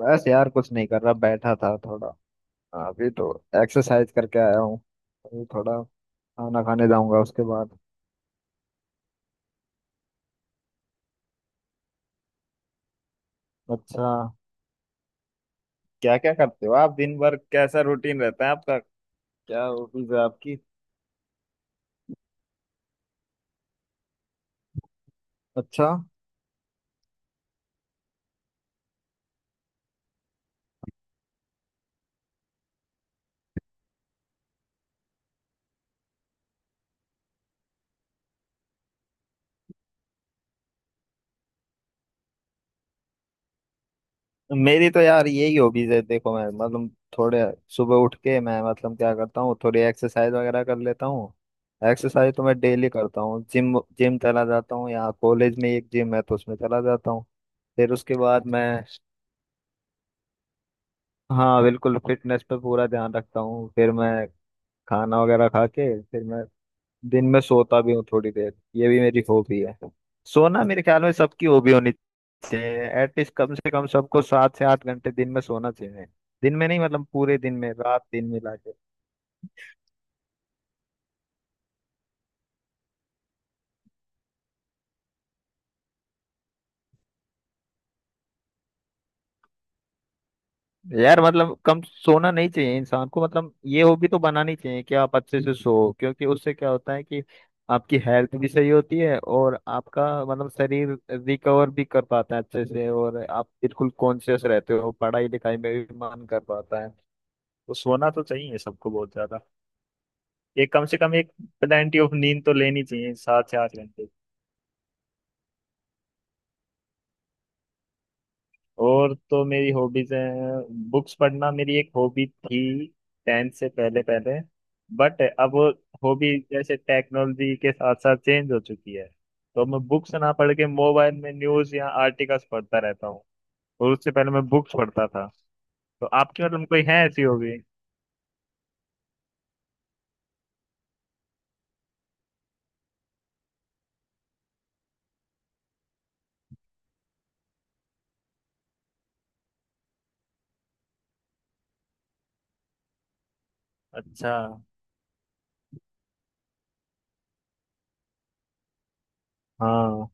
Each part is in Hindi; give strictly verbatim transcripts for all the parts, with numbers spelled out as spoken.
बस यार कुछ नहीं कर रहा, बैठा था थोड़ा। अभी तो एक्सरसाइज करके आया हूँ। अभी थोड़ा खाना खाने जाऊंगा उसके बाद। अच्छा। क्या क्या करते हो आप दिन भर? कैसा रूटीन रहता है आपका? क्या हॉबीज है आपकी? अच्छा। मेरी तो यार यही हॉबीज है, देखो मैं मतलब थोड़े सुबह उठ के मैं मतलब क्या करता हूँ थोड़ी एक्सरसाइज वगैरह कर लेता हूँ। एक्सरसाइज तो मैं डेली करता हूँ, जिम जिम चला जाता हूँ, यहाँ कॉलेज में एक जिम है तो उसमें चला जाता हूँ। फिर उसके बाद मैं, हाँ बिल्कुल फिटनेस पे पूरा ध्यान रखता हूँ, फिर मैं खाना वगैरह खा के फिर मैं दिन में सोता भी हूँ थोड़ी देर, ये भी मेरी हॉबी है। सोना मेरे ख्याल में सबकी हॉबी होनी चाहिए, एटलीस्ट कम से कम सबको सात से आठ घंटे दिन में सोना चाहिए। दिन में नहीं मतलब पूरे दिन में, रात दिन मिला के। यार मतलब कम सोना नहीं चाहिए इंसान को, मतलब ये हॉबी तो बनानी चाहिए कि आप अच्छे से सो, क्योंकि उससे क्या होता है कि आपकी हेल्थ भी सही होती है और आपका मतलब शरीर रिकवर भी कर पाता है अच्छे से, और आप बिल्कुल कॉन्शियस रहते हो, पढ़ाई लिखाई में भी मन कर पाता है। तो सोना तो चाहिए सबको बहुत ज्यादा, ये कम से कम एक प्लेंटी ऑफ नींद तो लेनी चाहिए, सात से आठ घंटे। और तो मेरी हॉबीज हैं बुक्स पढ़ना, मेरी एक हॉबी थी टेंथ से पहले पहले, बट अब वो हॉबी जैसे टेक्नोलॉजी के साथ साथ चेंज हो चुकी है, तो मैं बुक्स ना पढ़ के मोबाइल में न्यूज या आर्टिकल्स पढ़ता रहता हूँ, और उससे पहले मैं बुक्स पढ़ता था। तो आपकी मतलब कोई है ऐसी हॉबी? अच्छा। हाँ।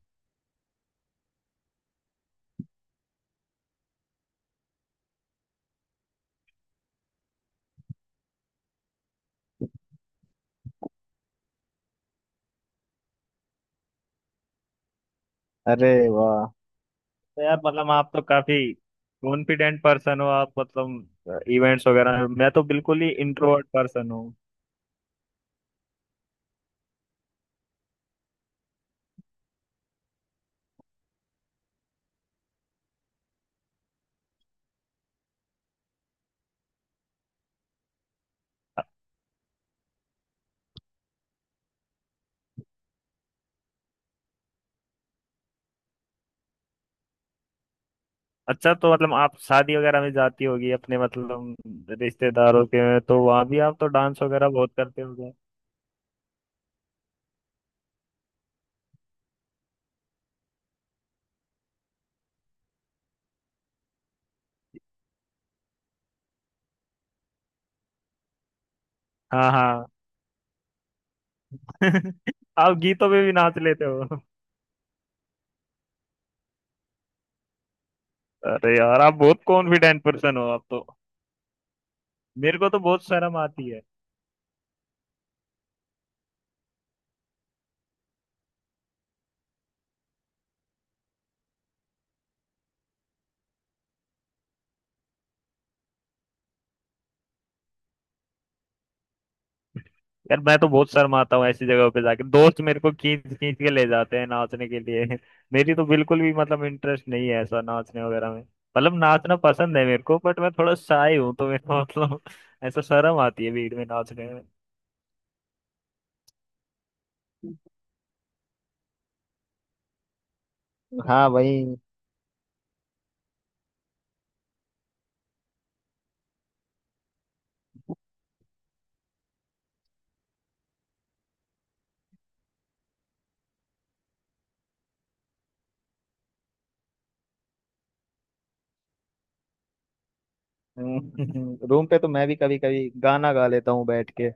अरे वाह, तो यार मतलब आप तो काफी कॉन्फिडेंट पर्सन हो आप, मतलब इवेंट्स वगैरह में, मैं तो बिल्कुल ही इंट्रोवर्ट पर्सन हूँ। अच्छा, तो मतलब आप शादी वगैरह में जाती होगी अपने मतलब रिश्तेदारों के में, तो वहां भी आप तो डांस वगैरह बहुत करते होगे। हाँ हाँ। आप गीतों में भी नाच लेते हो? अरे यार आप बहुत कॉन्फिडेंट पर्सन हो आप तो, मेरे को तो बहुत शर्म आती है। यार मैं तो बहुत शर्म आता हूँ ऐसी जगहों पे जाके, दोस्त मेरे को खींच खींच के ले जाते हैं नाचने के लिए। मेरी तो बिल्कुल भी मतलब इंटरेस्ट नहीं है ऐसा नाचने वगैरह में। मतलब नाचना पसंद है मेरे को, बट मैं थोड़ा शाय हूँ तो मेरे को मतलब ऐसा शर्म आती है भीड़ में नाचने में। हाँ वही। हम्म, रूम पे तो मैं भी कभी कभी गाना गा लेता हूँ बैठ के,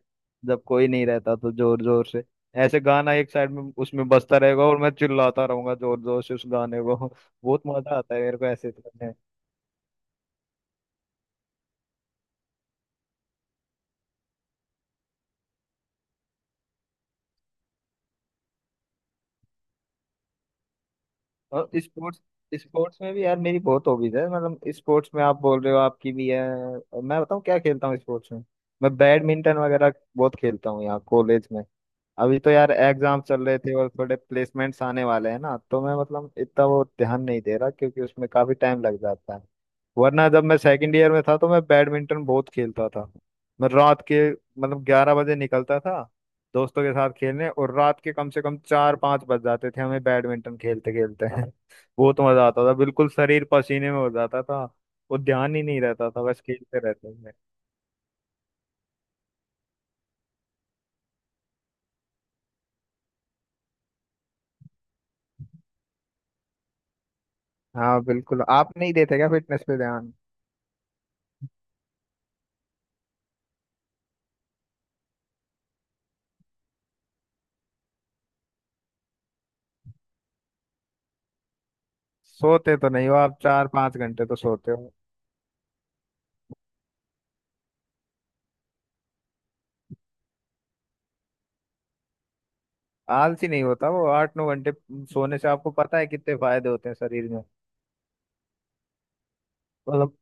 जब कोई नहीं रहता तो जोर जोर से, ऐसे गाना एक साइड में उसमें बजता रहेगा और मैं चिल्लाता रहूंगा जोर जोर से उस गाने को। बहुत मजा आता है मेरे को ऐसे करने में। और स्पोर्ट्स, स्पोर्ट्स में भी यार मेरी बहुत हॉबीज है, मतलब स्पोर्ट्स में आप बोल रहे हो आपकी भी है, और मैं बताऊँ क्या खेलता हूँ स्पोर्ट्स में? मैं बैडमिंटन वगैरह बहुत खेलता हूँ यहाँ कॉलेज में। अभी तो यार एग्जाम चल रहे थे और थोड़े प्लेसमेंट्स आने वाले हैं ना, तो मैं मतलब इतना वो ध्यान नहीं दे रहा क्योंकि उसमें काफी टाइम लग जाता है। वरना जब मैं सेकंड ईयर में था तो मैं बैडमिंटन बहुत खेलता था, मैं रात के मतलब ग्यारह बजे निकलता था दोस्तों के साथ खेलने, और रात के कम से कम चार पांच बज जाते थे हमें बैडमिंटन खेलते खेलते। बहुत मजा आता था, बिल्कुल शरीर पसीने में हो जाता था, वो ध्यान ही नहीं रहता था, बस खेलते रहते थे। हाँ बिल्कुल, आप नहीं देते क्या फिटनेस पे ध्यान? सोते तो नहीं हो आप, चार पांच घंटे तो सोते हो? आलसी नहीं होता वो आठ नौ घंटे सोने से, आपको पता है कितने फायदे होते हैं शरीर में? मतलब,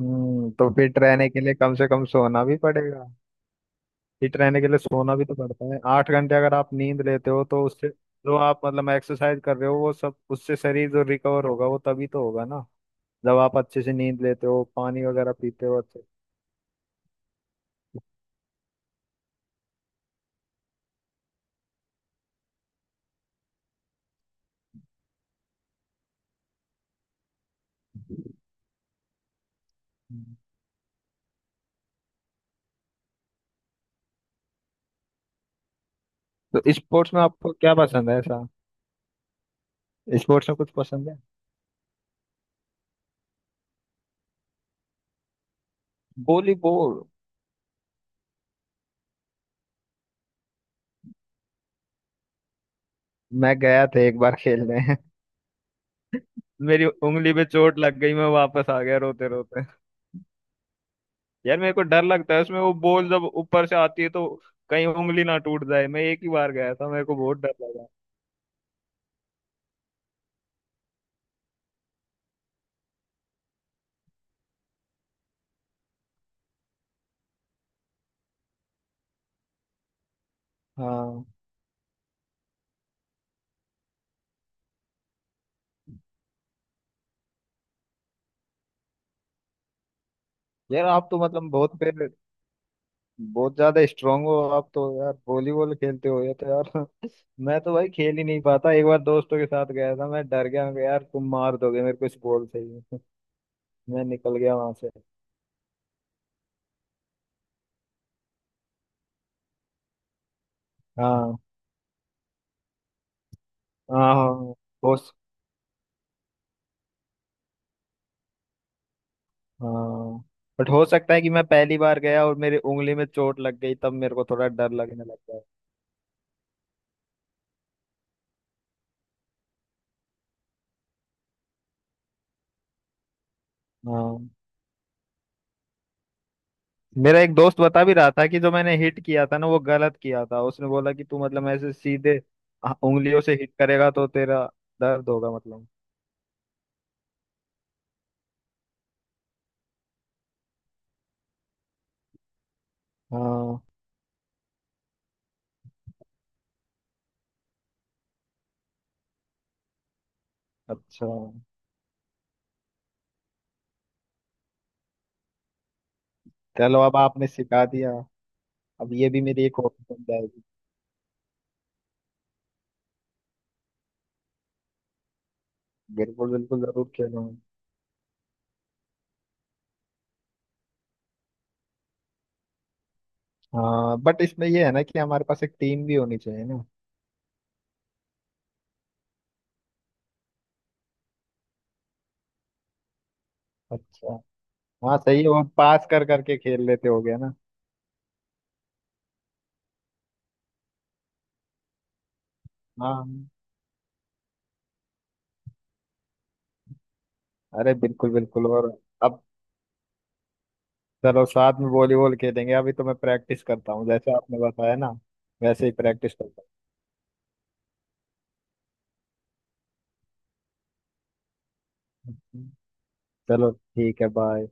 हम्म तो फिट रहने के लिए कम से कम सोना भी पड़ेगा। फिट रहने के लिए सोना भी तो पड़ता है, आठ घंटे अगर आप नींद लेते हो तो उससे जो आप मतलब एक्सरसाइज कर रहे हो वो सब, उससे शरीर जो रिकवर होगा वो तभी तो होगा ना, जब आप अच्छे से नींद लेते हो पानी वगैरह पीते हो अच्छे से। हम्म। तो स्पोर्ट्स में आपको क्या पसंद है ऐसा, स्पोर्ट्स में कुछ पसंद है? वॉलीबॉल? मैं गया था एक बार खेलने, मेरी उंगली पे चोट लग गई, मैं वापस आ गया रोते रोते। यार मेरे को डर लगता है उसमें, वो बॉल जब ऊपर से आती है तो कहीं उंगली ना टूट जाए। मैं एक ही बार गया था, मेरे को बहुत डर लगा। हाँ, यार आप तो मतलब बहुत फिर बहुत ज्यादा स्ट्रांग हो आप तो, यार वॉलीबॉल खेलते हो ये तो, यार मैं तो भाई खेल ही नहीं पाता। एक बार दोस्तों के साथ गया था, मैं डर गया, मैं कहा, यार तुम मार दोगे मेरे को इस बॉल से ही। मैं निकल गया वहां से। हाँ हाँ। हाँ, हाँ। बहुत। हाँ बट हो सकता है कि मैं पहली बार गया और मेरी उंगली में चोट लग गई, तब मेरे को थोड़ा डर लगने लग गया। हाँ, मेरा एक दोस्त बता भी रहा था कि जो मैंने हिट किया था ना वो गलत किया था, उसने बोला कि तू मतलब ऐसे सीधे, हाँ, उंगलियों से हिट करेगा तो तेरा दर्द होगा मतलब। हाँ, अच्छा, चलो अब आपने सिखा दिया, अब ये भी मेरी एक हॉबी बन जाएगी। बिल्कुल बिल्कुल, जरूर खेलूंगा। हाँ बट इसमें ये है ना कि हमारे पास एक टीम भी होनी चाहिए ना? अच्छा। हाँ सही है, वो पास कर करके खेल लेते हो गया ना। हाँ। अरे बिल्कुल बिल्कुल, और अब चलो साथ में वॉलीबॉल खेलेंगे। अभी तो मैं प्रैक्टिस करता हूँ जैसे आपने बताया ना, वैसे ही प्रैक्टिस करता हूँ। चलो ठीक है, बाय।